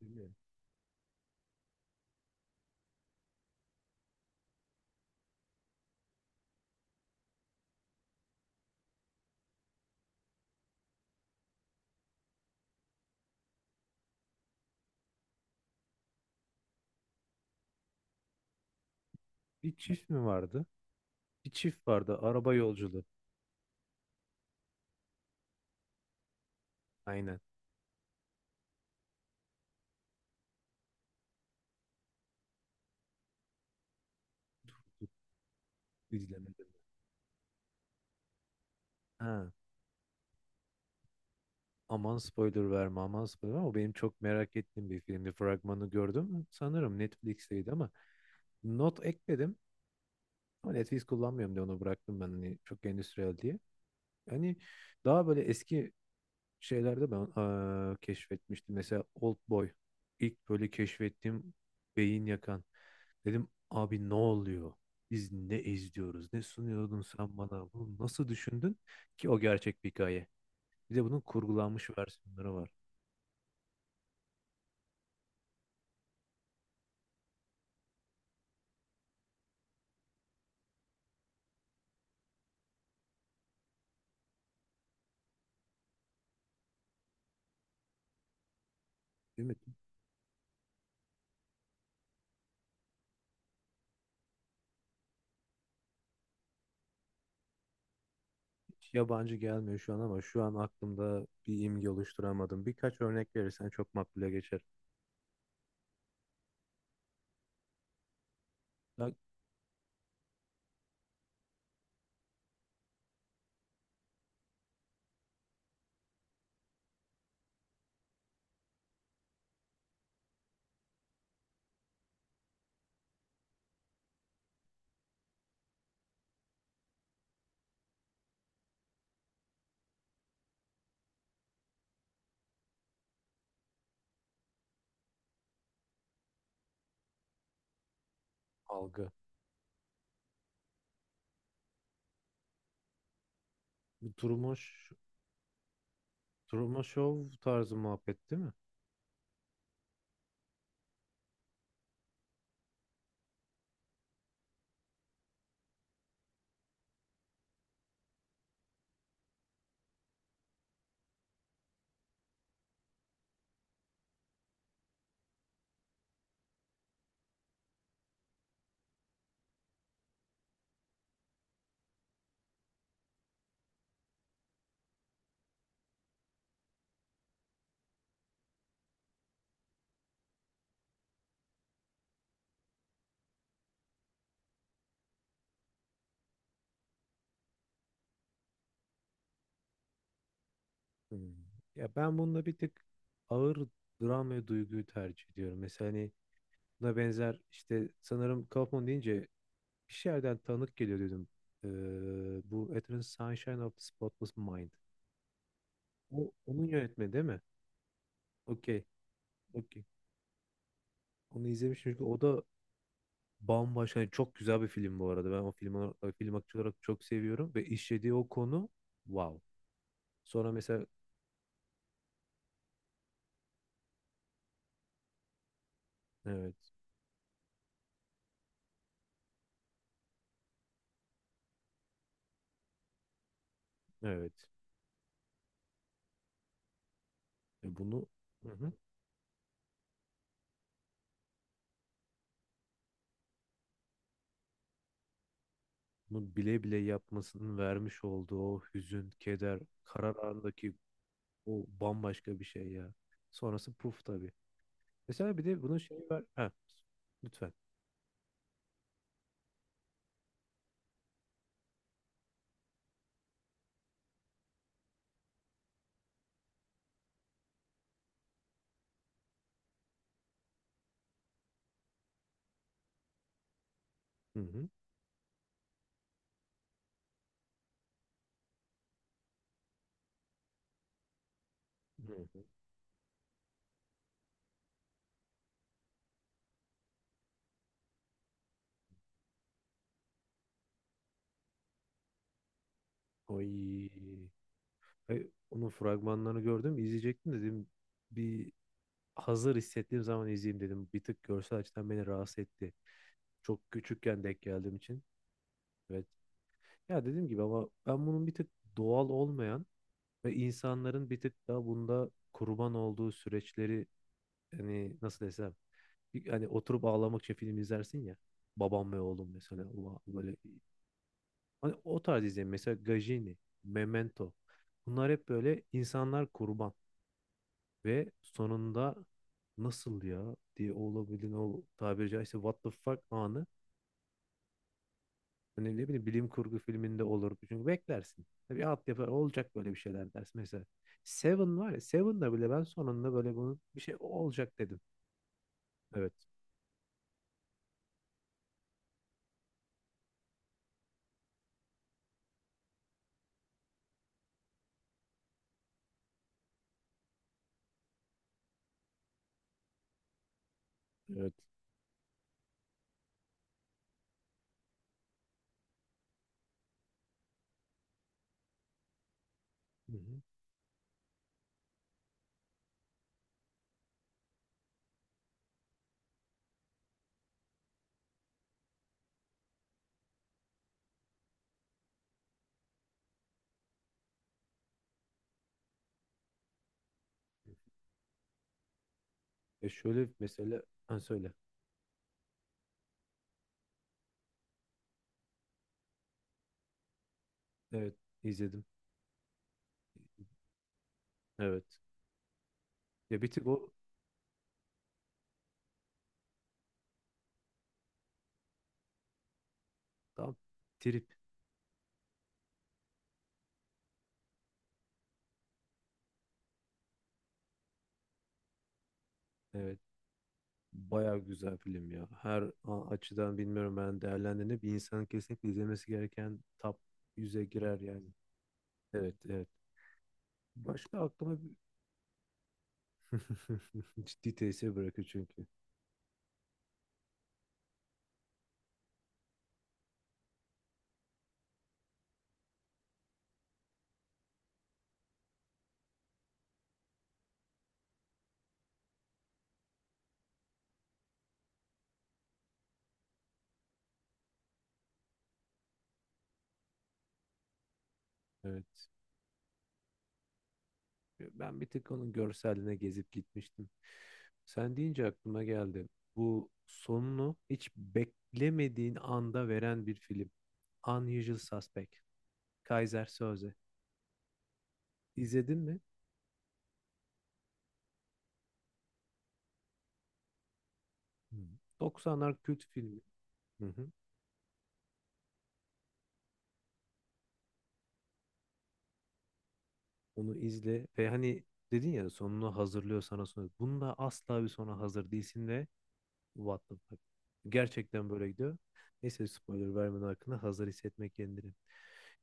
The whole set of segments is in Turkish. Bilmiyorum. Bir çift mi vardı? Bir çift vardı. Araba yolculuğu. Aynen. İzlemedim. Ha. Aman spoiler verme, aman spoiler verme. O benim çok merak ettiğim bir filmdi. Fragmanı gördüm. Sanırım Netflix'teydi ama not ekledim. Ama Netflix kullanmıyorum diye onu bıraktım ben. Hani çok endüstriyel diye. Hani daha böyle eski şeylerde ben keşfetmiştim. Mesela Oldboy. İlk böyle keşfettiğim beyin yakan. Dedim abi ne oluyor? Biz ne izliyoruz? Ne sunuyordun sen bana? Bunu nasıl düşündün ki o gerçek bir hikaye? Bir de bunun kurgulanmış versiyonları var. Değil mi? Hiç yabancı gelmiyor şu an ama şu an aklımda bir imge oluşturamadım. Birkaç örnek verirsen çok makbule geçer. Ya, algı. Bu Truman, Truman Show tarzı muhabbet değil mi? Hmm. Ya ben bunda bir tık ağır dram ve duyguyu tercih ediyorum. Mesela hani buna benzer işte sanırım Kaufman deyince bir şeylerden tanık geliyor dedim. Bu Eternal Sunshine of the Spotless Mind. O onun yönetmeni değil mi? Okey. Okey. Onu izlemiştim çünkü o da bambaşka, yani çok güzel bir film bu arada. Ben o o film aktörü olarak çok seviyorum ve işlediği o konu wow. Sonra mesela evet, evet. E bunu, hı hı, bile bile yapmasının vermiş olduğu o hüzün, keder, karar anındaki o bambaşka bir şey ya. Sonrası puf tabii. Mesela bir de bunun şeyi var. Ha, lütfen. Hı hı. Hı hı. Oy. Ay, onun fragmanlarını gördüm, izleyecektim dedim. Bir hazır hissettiğim zaman izleyeyim dedim. Bir tık görsel açıdan beni rahatsız etti. Çok küçükken denk geldiğim için. Evet. Ya dediğim gibi ama ben bunun bir tık doğal olmayan ve insanların bir tık daha bunda kurban olduğu süreçleri, hani nasıl desem, hani oturup ağlamak için film izlersin ya. Babam ve oğlum mesela. Ulan böyle, hani o tarz izleyin. Mesela Gajini, Memento. Bunlar hep böyle insanlar kurban. Ve sonunda nasıl ya diye olabildiğin o tabiri caizse what the fuck anı. Hani ne bileyim bilim kurgu filminde olur. Çünkü beklersin. Tabii alt yapar olacak böyle bir şeyler dersin. Mesela Seven var ya, Seven'da bile ben sonunda böyle bunun bir şey olacak dedim. Evet. Evet. Hı hı. E şöyle mesela, ha, söyle. Evet, izledim. Evet. Ya bir tık o tam trip. Evet. Bayağı güzel film ya. Her açıdan bilmiyorum ben değerlendiğini, bir insanın kesinlikle izlemesi gereken top yüze girer yani. Evet, evet. Başka aklıma bir- ciddi tesir bırakıyor çünkü. Evet. Ben bir tık onun görseline gezip gitmiştim. Sen deyince aklıma geldi. Bu sonunu hiç beklemediğin anda veren bir film. Unusual Suspect. Kaiser Söze. İzledin mi? Hı. 90'lar kült filmi. Hı hı. Onu izle ve hani dedin ya sonunu hazırlıyor sana sonra. Bunda asla bir sona hazır değilsin ve what the fuck. Gerçekten böyle gidiyor. Neyse, spoiler vermeden hakkında hazır hissetmek kendini.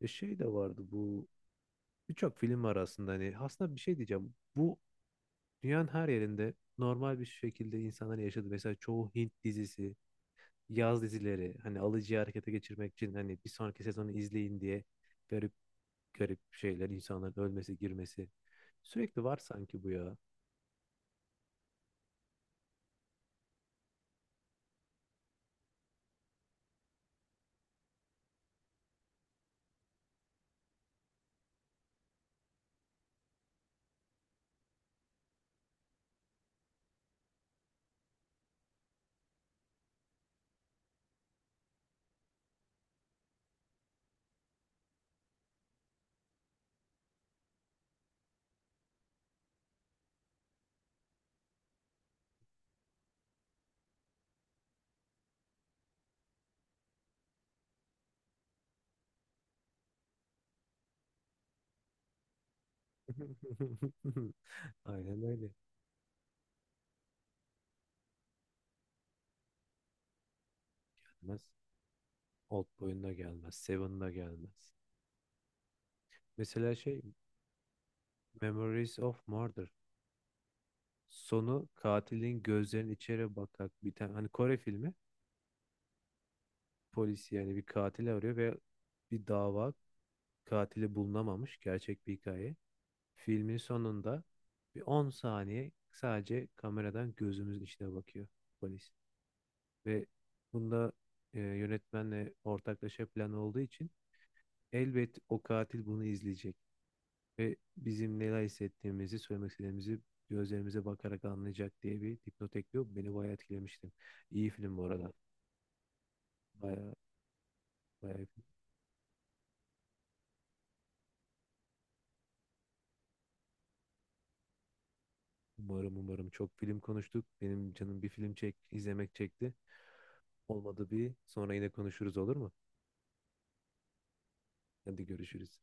E şey de vardı bu. Birçok film var aslında, hani aslında bir şey diyeceğim. Bu dünyanın her yerinde normal bir şekilde insanlar yaşadığı. Mesela çoğu Hint dizisi, yaz dizileri, hani alıcıyı harekete geçirmek için hani bir sonraki sezonu izleyin diye garip garip şeyler, insanların ölmesi, girmesi sürekli var sanki bu ya. Aynen öyle. Gelmez. Oldboy'un da gelmez. Seven da gelmez. Mesela şey, Memories of Murder. Sonu katilin gözlerinin içeri bakarak biten hani Kore filmi. Polis yani bir katil arıyor ve bir dava, katili bulunamamış. Gerçek bir hikaye. Filmin sonunda bir 10 saniye sadece kameradan gözümüzün içine bakıyor polis. Ve bunda yönetmenle ortaklaşa plan olduğu için elbet o katil bunu izleyecek. Ve bizim neler hissettiğimizi, söylemek istediğimizi gözlerimize bakarak anlayacak diye bir dipnot ekliyor. Beni bayağı etkilemiştim. İyi film bu arada. Bayağı, bayağı Umarım, umarım. Çok film konuştuk. Benim canım bir film çek, izlemek çekti. Olmadı bir sonra yine konuşuruz olur mu? Hadi görüşürüz.